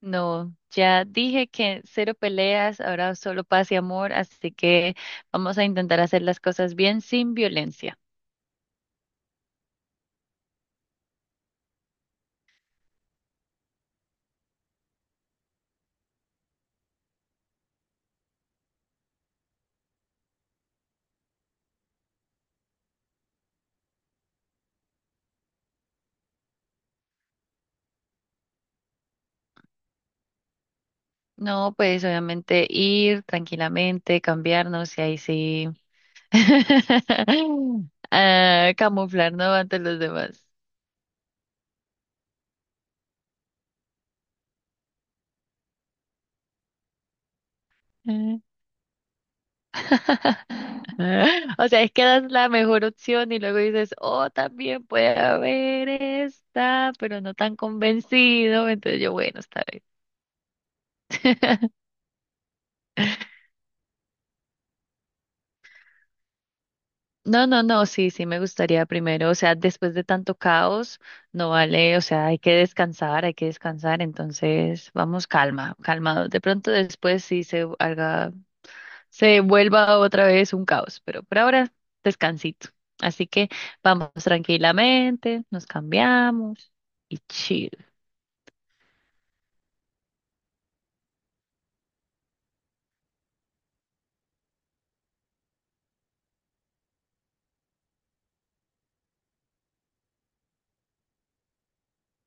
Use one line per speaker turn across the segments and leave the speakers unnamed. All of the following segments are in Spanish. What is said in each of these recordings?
No, ya dije que cero peleas, ahora solo paz y amor, así que vamos a intentar hacer las cosas bien sin violencia. No, pues obviamente ir tranquilamente, cambiarnos y ahí sí camuflarnos ante los demás. O sea, es que das la mejor opción y luego dices, oh, también puede haber esta, pero no tan convencido. Entonces yo, bueno, está bien. No, no, no, sí, sí me gustaría primero, o sea, después de tanto caos, no vale, o sea, hay que descansar, entonces vamos calma, calmados. De pronto después sí se haga, se vuelva otra vez un caos, pero por ahora descansito. Así que vamos tranquilamente, nos cambiamos y chill.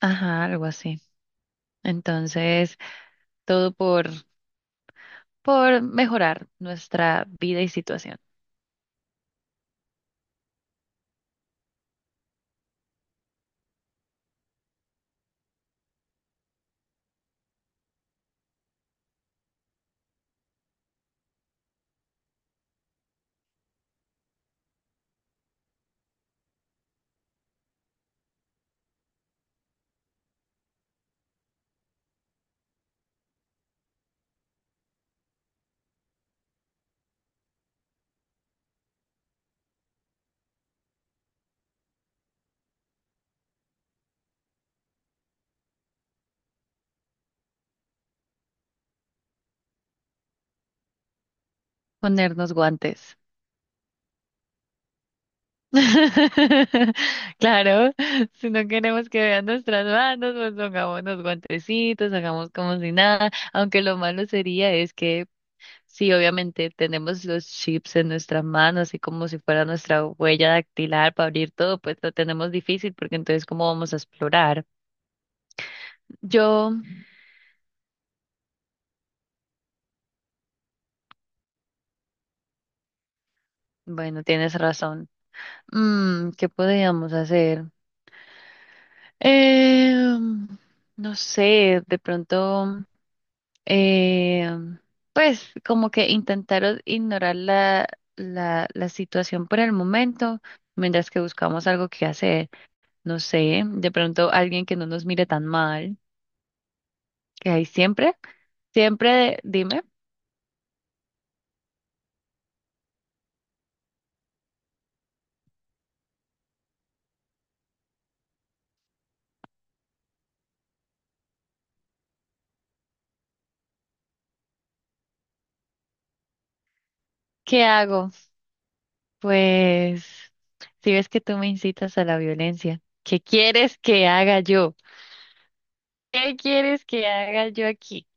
Ajá, algo así. Entonces, todo por, por mejorar nuestra vida y situación. Ponernos guantes. Claro, si no queremos que vean nuestras manos, pues pongamos los guantecitos, hagamos como si nada, aunque lo malo sería es que sí, obviamente tenemos los chips en nuestras manos, así como si fuera nuestra huella dactilar para abrir todo, pues lo tenemos difícil porque entonces ¿cómo vamos a explorar? Yo, bueno, tienes razón. Mm, ¿qué podríamos hacer? Eh, no sé, de pronto... eh, pues como que intentaron ignorar la situación por el momento, mientras que buscamos algo que hacer. No sé, de pronto alguien que no nos mire tan mal, que hay siempre, dime, ¿qué hago? Pues si ves que tú me incitas a la violencia, ¿qué quieres que haga yo? ¿Qué quieres que haga yo aquí?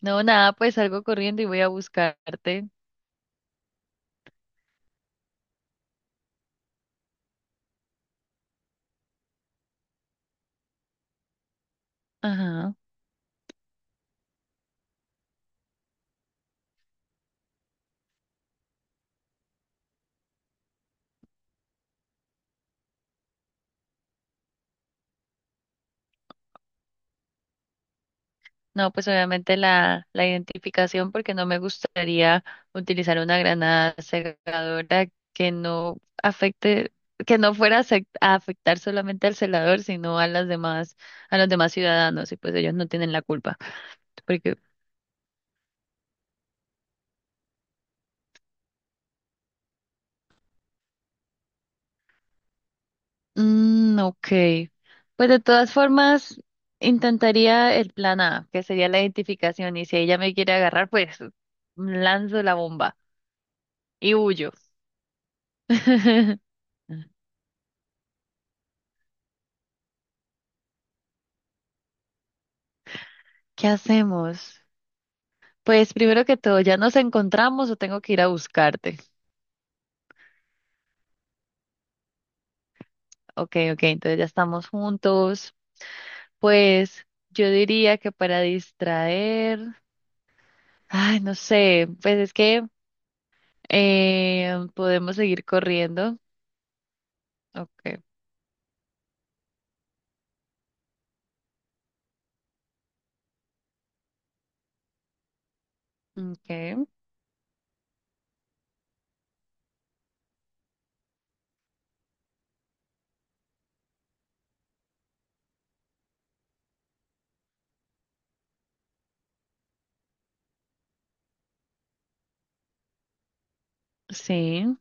No, nada, pues salgo corriendo y voy a buscarte. Ajá. No, pues obviamente la identificación, porque no me gustaría utilizar una granada cegadora que no afecte, que no fuera a sec- a afectar solamente al celador, sino a las demás, a los demás ciudadanos, y pues ellos no tienen la culpa. Porque, mm, ok. Pues de todas formas, intentaría el plan A, que sería la identificación, y si ella me quiere agarrar, pues lanzo la bomba y huyo. ¿Qué hacemos? Pues primero que todo, ¿ya nos encontramos o tengo que ir a buscarte? Ok, ok, entonces ya estamos juntos. Pues yo diría que para distraer, ay, no sé, pues es que podemos seguir corriendo. Ok, ok, sí.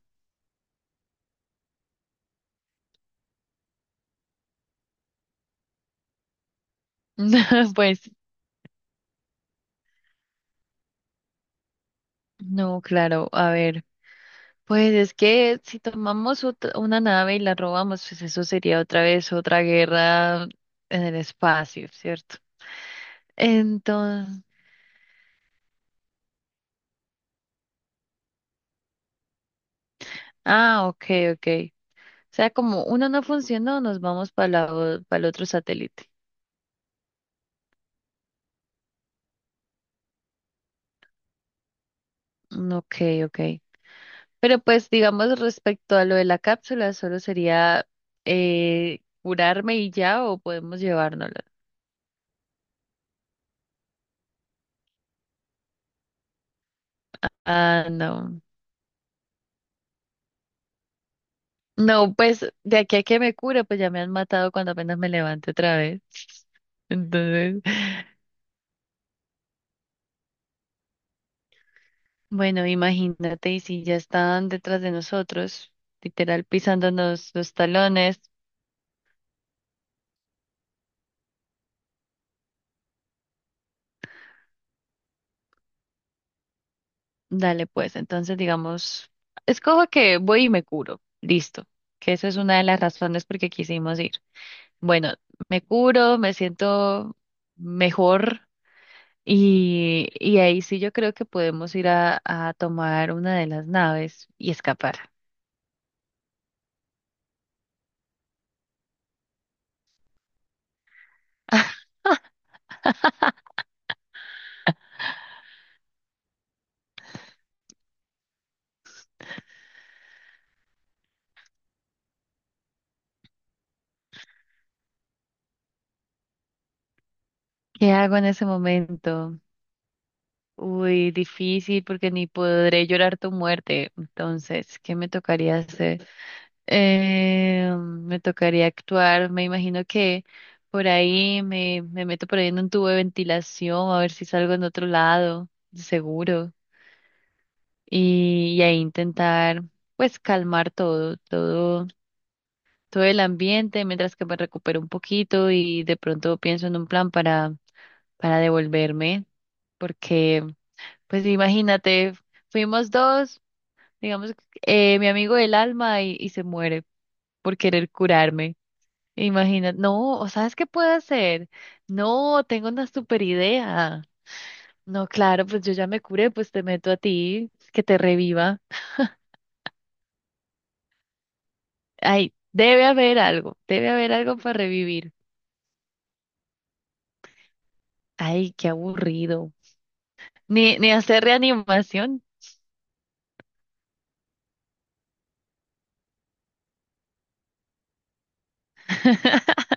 Pues no, claro, a ver. Pues es que si tomamos una nave y la robamos, pues eso sería otra vez otra guerra en el espacio, ¿cierto? Entonces... Ah, ok, ok. O sea, como uno no funcionó, nos vamos para el otro satélite. Mm, ok, ok. Pero pues, digamos, respecto a lo de la cápsula, solo sería curarme y ya, o podemos llevárnosla. Ah, no. No, pues de aquí a que me cure, pues ya me han matado cuando apenas me levante otra vez. Entonces, bueno, imagínate, y si ya están detrás de nosotros, literal pisándonos los talones. Dale, pues, entonces digamos, escojo que voy y me curo. Listo. Que esa es una de las razones por qué quisimos ir. Bueno, me curo, me siento mejor y, ahí sí yo creo que podemos ir a tomar una de las naves y escapar. ¿Qué hago en ese momento? Uy, difícil porque ni podré llorar tu muerte. Entonces, ¿qué me tocaría hacer? Me tocaría actuar, me imagino que me meto por ahí en un tubo de ventilación a ver si salgo en otro lado, seguro, y ahí intentar pues calmar todo, todo el ambiente mientras que me recupero un poquito y de pronto pienso en un plan para devolverme, porque pues imagínate, fuimos dos, digamos, mi amigo del alma y se muere por querer curarme. Imagina, no, o sabes qué puedo hacer. No, tengo una super idea. No, claro, pues yo ya me curé, pues te meto a ti, que te reviva. Ay, debe haber algo para revivir. Ay, qué aburrido. Ni hacer reanimación.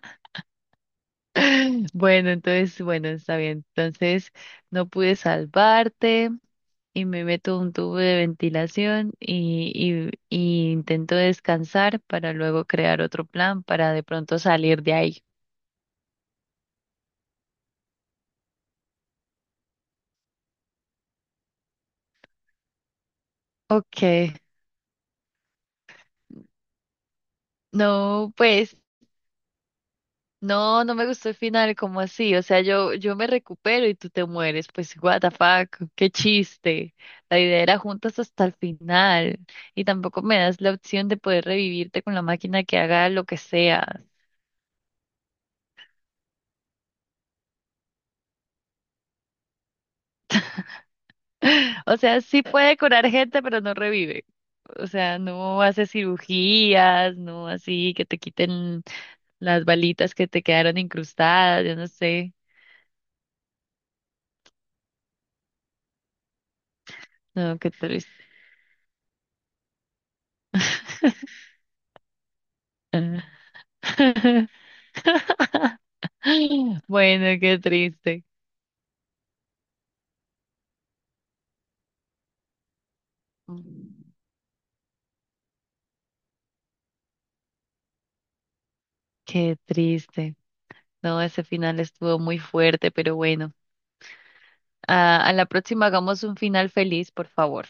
Bueno, entonces, bueno, está bien. Entonces, no pude salvarte y me meto un tubo de ventilación y, y intento descansar para luego crear otro plan para de pronto salir de ahí. Okay. No, pues, no, no me gustó el final, como así? O sea, yo me recupero y tú te mueres. Pues, what the fuck, qué chiste. La idea era juntas hasta el final. Y tampoco me das la opción de poder revivirte con la máquina que haga lo que sea. O sea, sí puede curar gente, pero no revive. O sea, no hace cirugías, no así que te quiten las balitas que te quedaron incrustadas, yo no sé. No, qué triste. Bueno, qué triste. Qué triste. No, ese final estuvo muy fuerte, pero bueno. A la próxima hagamos un final feliz, por favor.